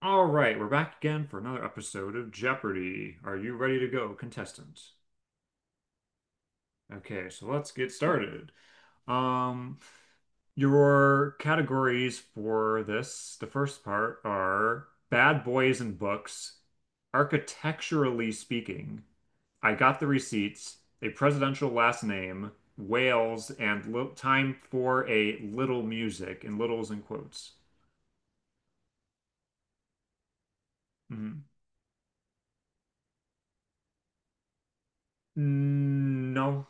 All right, we're back again for another episode of Jeopardy. Are you ready to go, contestant? Okay, so let's get started. Um, your categories for this, the first part, are bad boys and books, architecturally speaking, I got the receipts, a presidential last name, Wales, and li time for a little music, and littles in quotes. Mhm. Mm, no.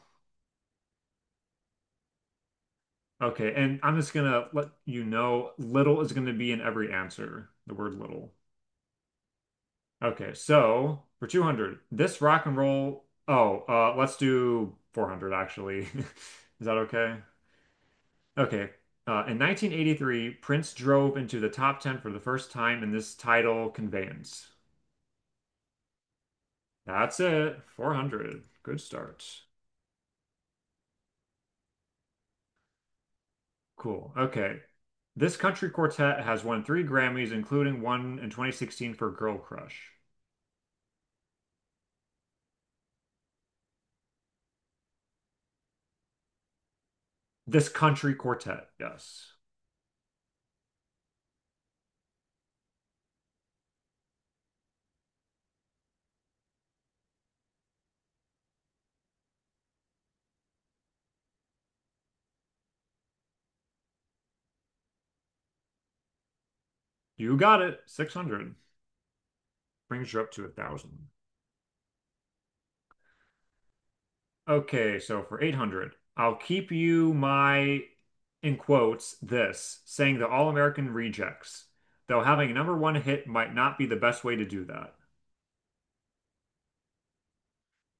Okay, and I'm just gonna let you know little is gonna be in every answer. The word little. Okay, so for 200, this rock and roll. Oh, let's do 400 actually. Is that okay? Okay. In 1983, Prince drove into the top 10 for the first time in this title conveyance. That's it. 400. Good start. Cool. Okay. This country quartet has won three Grammys, including one in 2016 for Girl Crush. This country quartet, yes. You got it. 600 brings you up to a 1,000. Okay, so for 800, I'll keep you my, in quotes, this, saying the All-American Rejects, though having a number one hit might not be the best way to do that.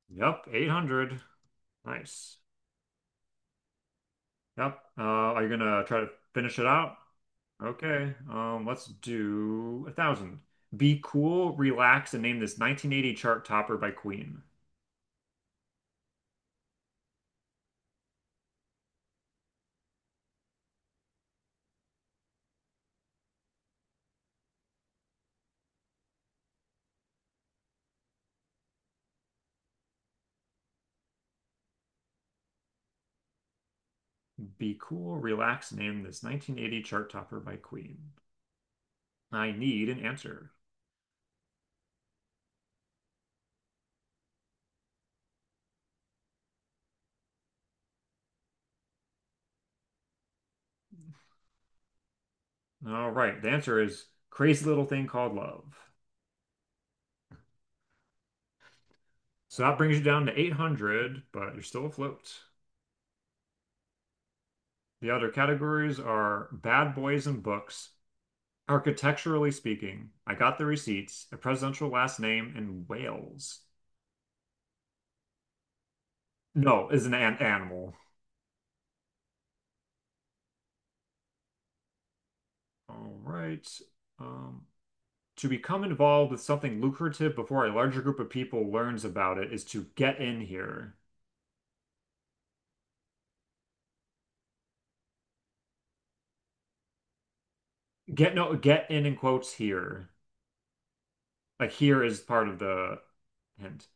Yep, 800. Nice. Yep. Are you gonna try to finish it out? Okay. Let's do a thousand. Be cool, relax, and name this 1980 chart topper by Queen. Be cool, relax, named this 1980 chart topper by Queen. I need an answer. All right, the answer is Crazy Little Thing Called Love. So that brings you down to 800, but you're still afloat. The other categories are Bad Boys and Books, Architecturally Speaking, I Got the Receipts, A Presidential Last Name, and Whales. No, is an animal. All right. Um, to become involved with something lucrative before a larger group of people learns about it is to get in here. Get, no, get in quotes, here. Like, here is part of the hint.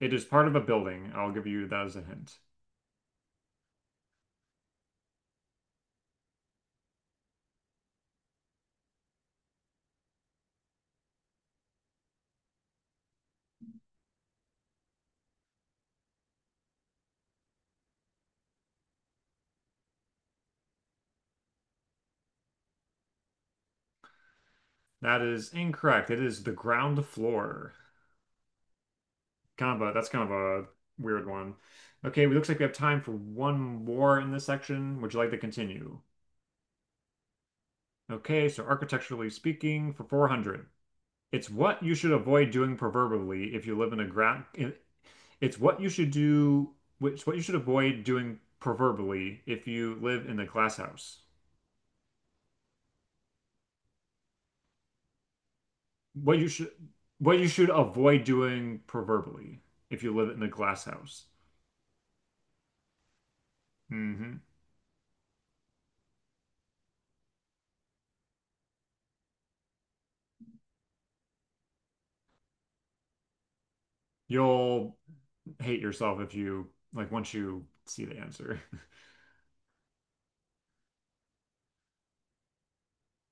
It is part of a building. I'll give you that as a hint. That is incorrect. It is the ground floor. Kind of a That's kind of a weird one. Okay, it looks like we have time for one more in this section. Would you like to continue? Okay, so architecturally speaking, for 400, it's what you should avoid doing proverbially if you live in a ground. It's what you should do, which, what you should avoid doing proverbially if you live in a glass house. what you should what you should avoid doing proverbially if you live in a glass house. Hmm. You'll hate yourself if you like once you see the answer.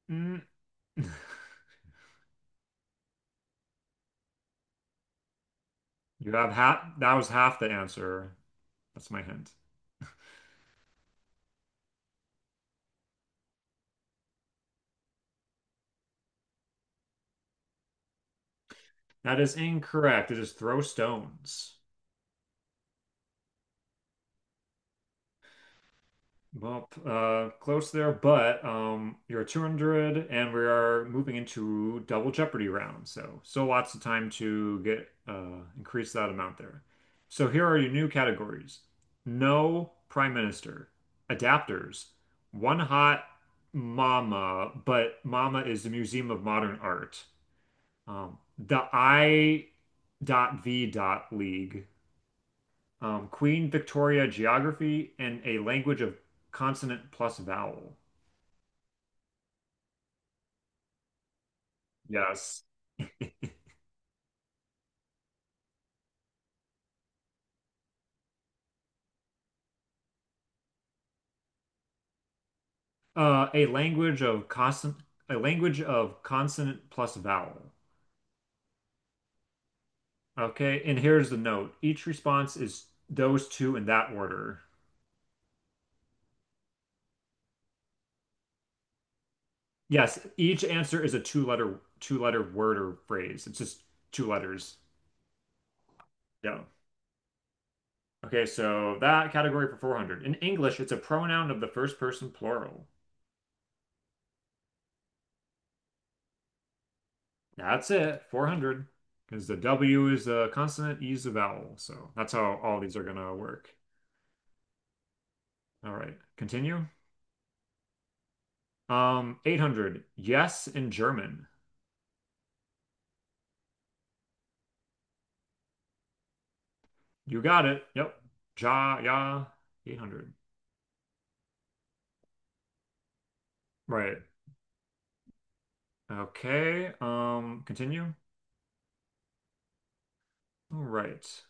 Mm. You have half. That was half the answer. That's my hint. That is incorrect. It is throw stones. Well, close there, but you're at 200, and we are moving into double Jeopardy round. So, lots of time to get increase that amount there. So here are your new categories: No Prime Minister, Adapters, One Hot Mama, but Mama is the Museum of Modern Art. The I.V. League, Queen Victoria geography, and a language of consonant plus vowel. Yes. Uh, a language of consonant, a language of consonant plus vowel. Okay, and here's the note. Each response is those two in that order. Yes, each answer is a two-letter word or phrase. It's just two letters. Yeah. Okay, so that category for 400. In English, it's a pronoun of the first person plural. That's it. 400. Because the W is a consonant, E is a vowel. So that's how all these are going to work. All right. Continue. 800. Yes in German. You got it. Yep. Ja, ja. 800. Right. Okay. Continue. All right.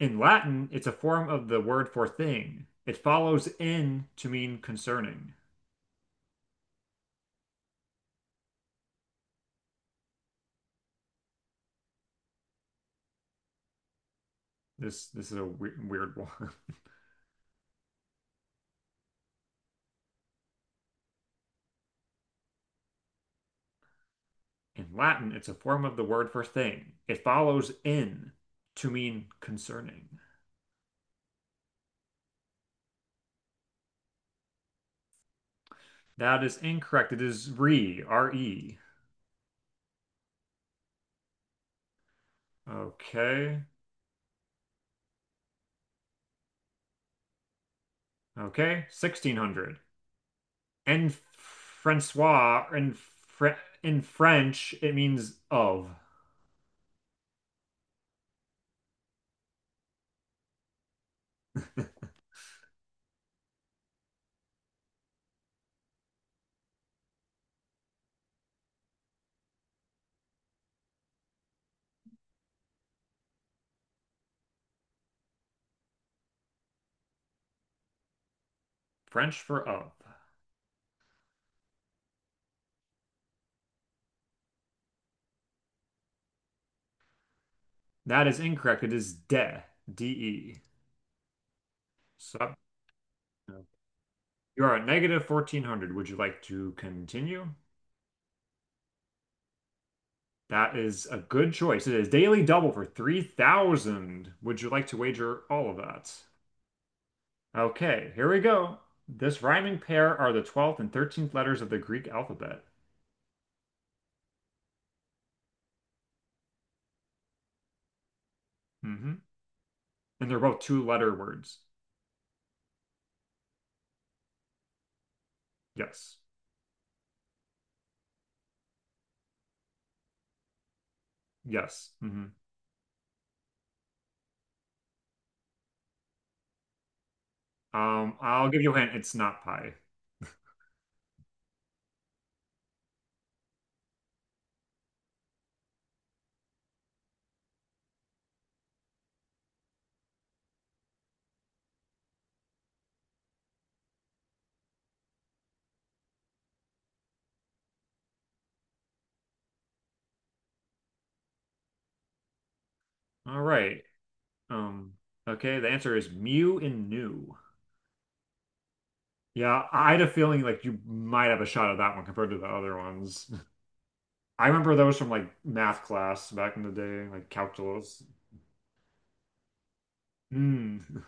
In Latin, it's a form of the word for thing. It follows in to mean concerning. This is a weird, weird one. In Latin, it's a form of the word for thing. It follows in to mean concerning. That is incorrect. It is re, R-E. Okay. Okay. 1600. En Francois, in French, it means of. French for of. That is incorrect. It is de, D-E. So you are at negative 1400. Would you like to continue? That is a good choice. It is daily double for 3,000. Would you like to wager all of that? Okay, here we go. This rhyming pair are the 12th and 13th letters of the Greek alphabet. Hmm. And they're both two-letter words. Yes. Yes. Hmm. I'll give you a hint. It's not pie. All right. Um, okay, the answer is Mew and new. Yeah, I had a feeling like you might have a shot at that one compared to the other ones. I remember those from like math class back in the day, like calculus. Hmm.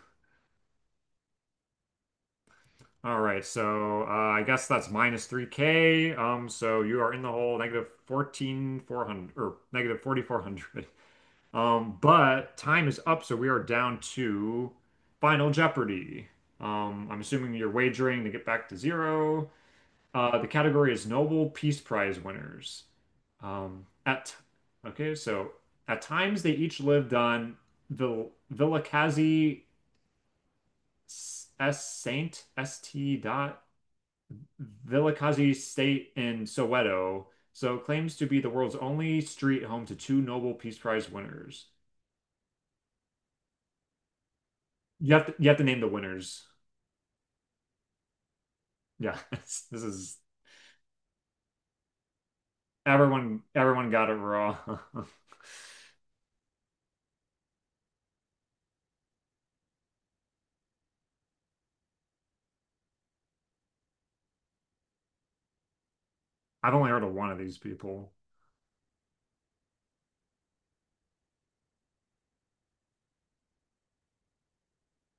All right, so I guess that's minus 3K. So you are in the hole negative 14,400 or negative 4,400. But time is up, so we are down to Final Jeopardy. I'm assuming you're wagering to get back to zero. The category is Nobel Peace Prize winners. At Okay, so at times they each lived on Vilakazi S Saint St. Vilakazi State in Soweto, so it claims to be the world's only street home to two Nobel Peace Prize winners. You have to name the winners. Yeah, this is everyone everyone got it wrong. I've only heard of one of these people.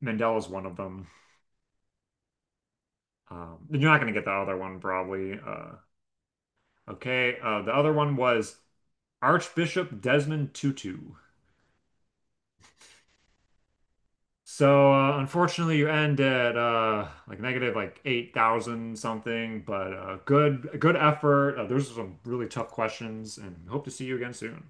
Mandela's one of them. You're not going to get the other one probably. Okay, the other one was Archbishop Desmond Tutu. So unfortunately, you end at like negative like 8,000 something, but good effort. Those are some really tough questions, and hope to see you again soon.